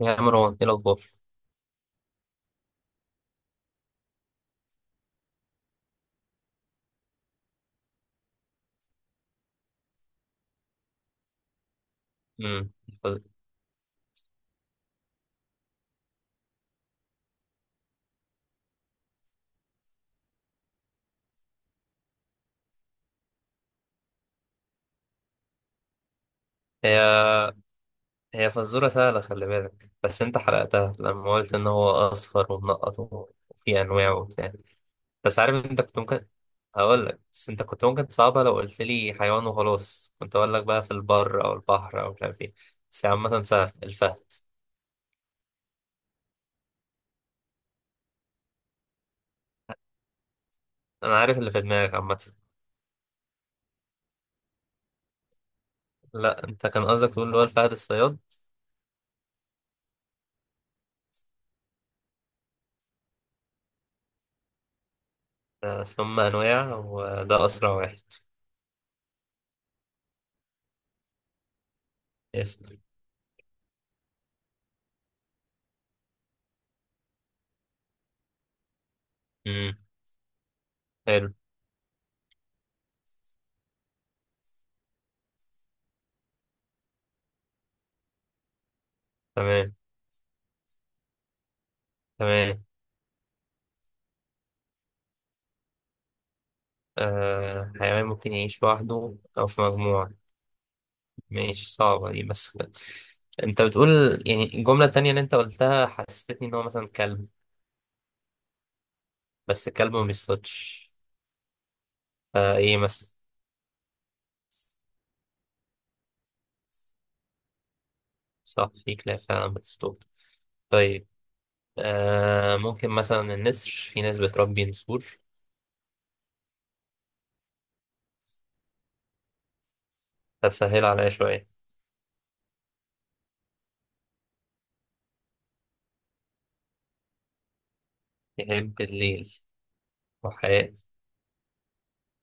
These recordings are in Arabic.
يا مروان، ايه الاخبار؟ امم. هي هي فزوره سهله، خلي بالك بس انت حرقتها لما قلت ان هو اصفر ومنقط وفي انواع وبتاع. بس عارف انت كنت ممكن هقول لك، بس انت كنت ممكن تصعبها لو قلت لي حيوان وخلاص، كنت اقول لك بقى في البر او البحر او مش عارف ايه. بس عامه سهل الفهد. انا عارف اللي في دماغك عامه. لا، انت كان قصدك تقول اللي هو الفهد الصياد. آه، ثم انواع وده اسرع واحد. يس. امم. حلو. تمام، تمام. آه حيوان ممكن يعيش لوحده أو في مجموعة. ماشي، صعبة دي بس أنت بتقول، يعني الجملة التانية اللي أنت قلتها حسستني إن هو مثلا كلب. بس الكلب ما بيصطادش، فإيه مثلا؟ صح، في كلاب فعلا بتصطاد. طيب. آه ممكن مثلا النسر، في ناس بتربي نسور. طب سهل عليا شوية. يحب الليل. وحياة.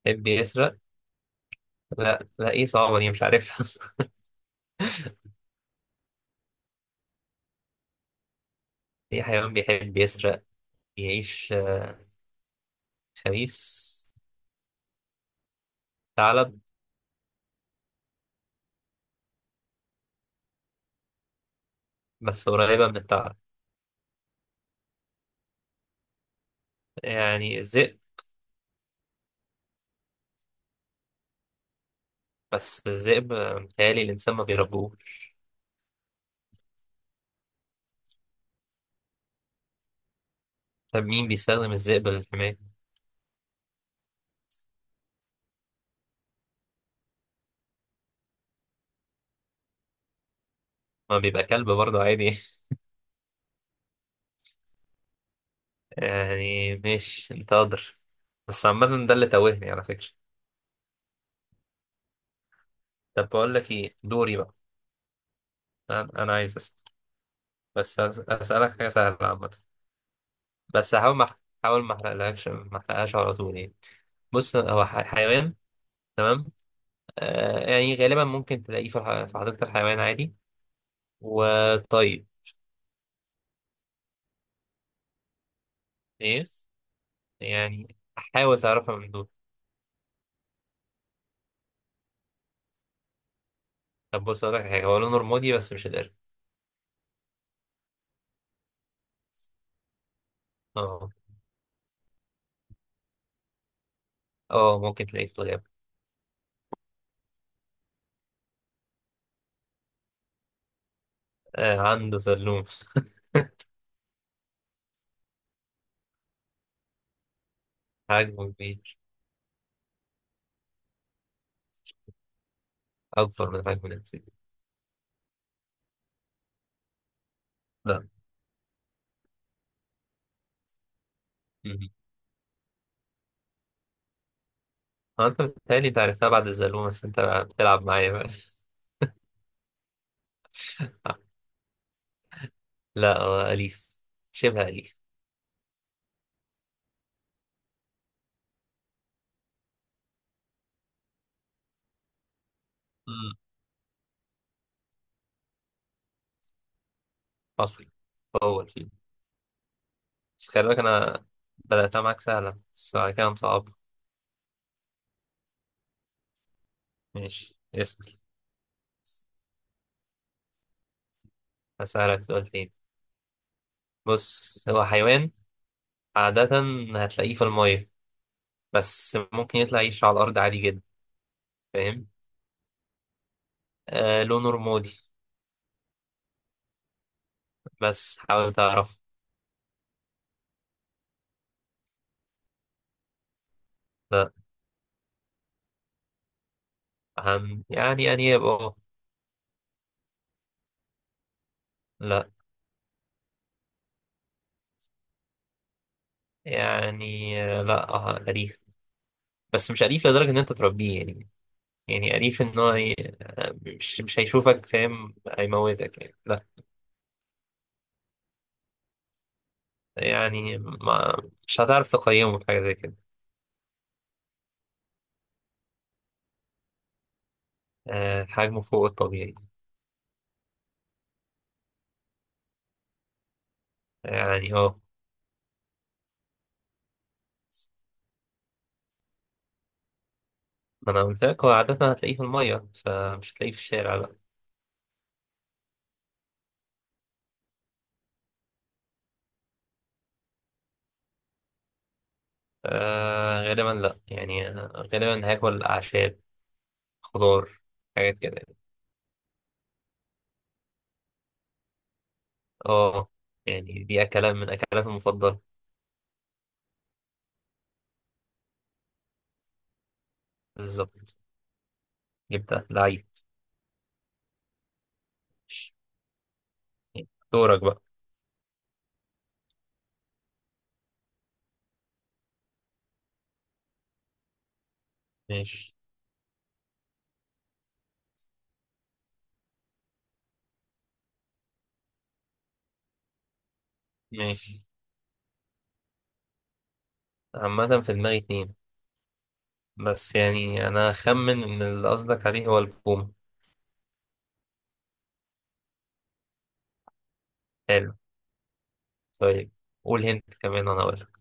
يحب يسرق. لا لا، إيه صعبة دي، مش عارفها في حيوان بيحب يسرق. بيعيش خبيث. ثعلب. بس قريبة من الثعلب. يعني الذئب. بس الذئب متهيألي الإنسان ما بيربوش. طب مين بيستخدم الذئب للحماية؟ ما بيبقى كلب برضه عادي يعني ماشي، أنت أدر. بس عامة ده اللي توهني على فكرة. طب بقول لك إيه دوري بقى. أنا عايز أسأل. بس أسألك حاجة سهلة عامة. بس هحاول ما حاول ما أحرقلكش، ما أحرقهاش على طول يعني. بص هو حيوان. تمام. آه يعني غالبا ممكن تلاقيه في حديقة الحيوان عادي. وطيب. إيه؟ يعني حاول تعرفها من دول. طب بص أقول لك حاجة، هو لونه رمادي بس مش القرد. اه. اه ممكن تلاقيه في الغابة. آه عنده سلوم. حجمه كبير. أكبر من حجم الإنسان. لا. مهم. هو أنت بتهيألي أنت عرفتها بعد الزلوم، بس أنت بتلعب معايا بقى لا هو أليف. شبه أليف. مم. حصل. هو الفيل. بس خلي بالك، أنا بدأتها معاك سهلة بس بعد كده صعب. ماشي اسأل. هسألك سؤال تاني. بص هو حيوان، عادة هتلاقيه في المية، بس ممكن يطلع يعيش على الأرض عادي جدا. فاهم؟ آه لونه رمادي، بس حاول تعرف. لا. أهم، يعني أنياب اه. لا. يعني لا أليف. بس مش أليف لدرجة إن أنت تربيه يعني. يعني أليف إن هو مش هيشوفك فاهم هيموتك يعني لا. يعني ما مش هتعرف تقيمه في حاجة زي كده. آه حجمه فوق الطبيعي. يعني اه. ما أنا قلت لك هو عادة هتلاقيه في المية، فمش هتلاقيه في الشارع لا. آه غالبا لا، يعني غالبا هاكل أعشاب، خضار، حاجات كده يعني. اه. يعني دي أكلات من أكلاتي المفضلة. بالظبط. جبتها لعيب. دورك بقى. ماشي. ماشي. عامة في دماغي اتنين، بس يعني أنا أخمن إن اللي قصدك عليه هو البوم. حلو. طيب. قول هنت كمان وأنا أقولك.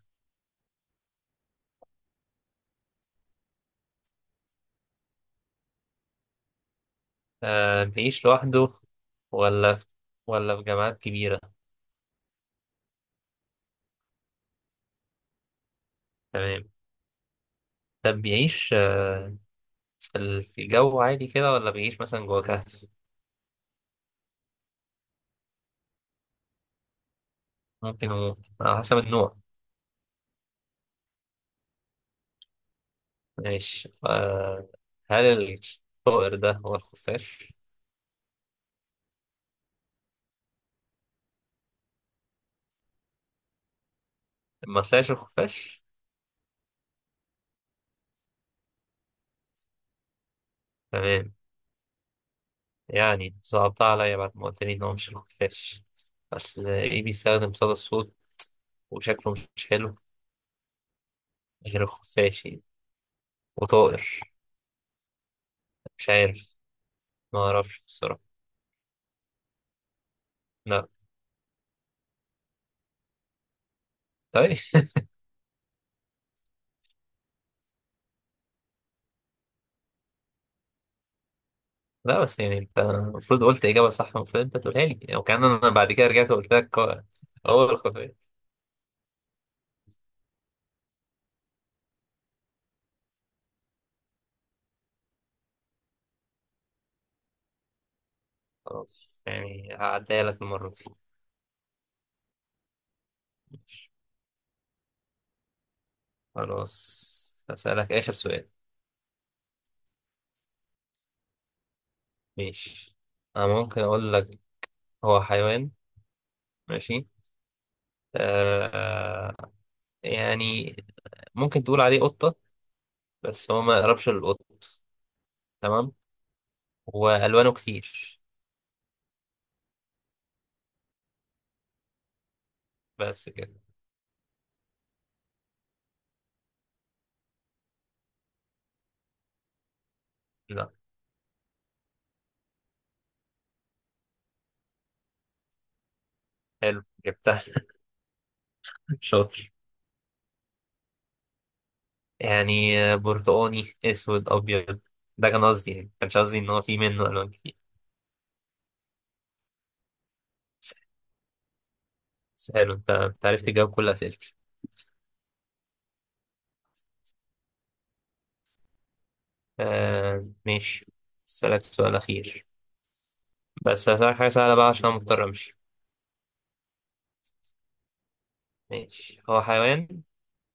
آه بيعيش لوحده ولا في، ولا في جامعات كبيرة؟ تمام. طب بيعيش، في الجو عادي كده، ولا بيعيش مثلا جوه؟ ممكن وممكن على حسب النوع. ماشي آه. هل الطائر ده هو الخفاش؟ ما طلعش الخفاش؟ تمام. يعني صعبتها عليا بعد ما قلت لي إن هو مش الخفاش. أصل إيه، بيستخدم صدى الصوت وشكله مش حلو، غير الخفاش يعني، وطائر. مش عارف، ما أعرفش بصراحة. لا. طيب. لا بس يعني أنت المفروض قلت إجابة صح، المفروض أنت تقولها لي يعني، وكأن أنا بعد كده رجعت وقلت لك هو الخفاش. خلاص يعني هعديها لك المرة دي. خلاص هسألك آخر سؤال. ماشي. أنا ممكن أقول لك، هو حيوان. ماشي. آه يعني ممكن تقول عليه قطة، بس هو ما يقربش للقط. تمام. وألوانه كتير. بس كده. لا. حلو جبتها شاطر. يعني برتقاني أسود أبيض. ده كان قصدي، يعني ما كانش قصدي إن هو في منه ألوان كتير. س- سهل، أنت عرفت تجاوب كل أسئلتي. آه ماشي. أسألك سؤال أخير، بس هسألك حاجة سهلة بقى عشان أنا مضطر أمشي. ماشي، هو حيوان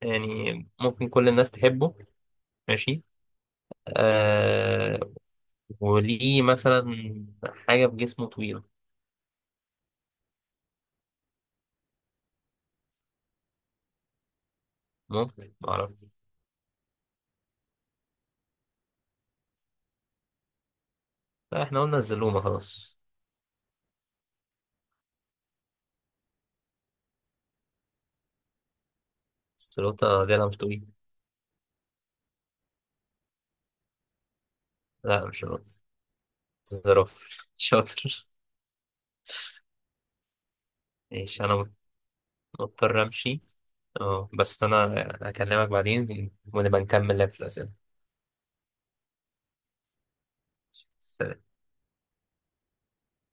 يعني ممكن كل الناس تحبه. ماشي. آه وليه مثلا حاجة في جسمه طويلة. ممكن معرفش. لا، احنا قلنا الزلومة خلاص. الزلوطة دي أنا مش طويل. لا، مش شاطر. الزرافة شاطر. ماشي أنا مضطر أمشي. اه بس أنا أكلمك بعدين ونبقى نكمل لعب في الأسئلة.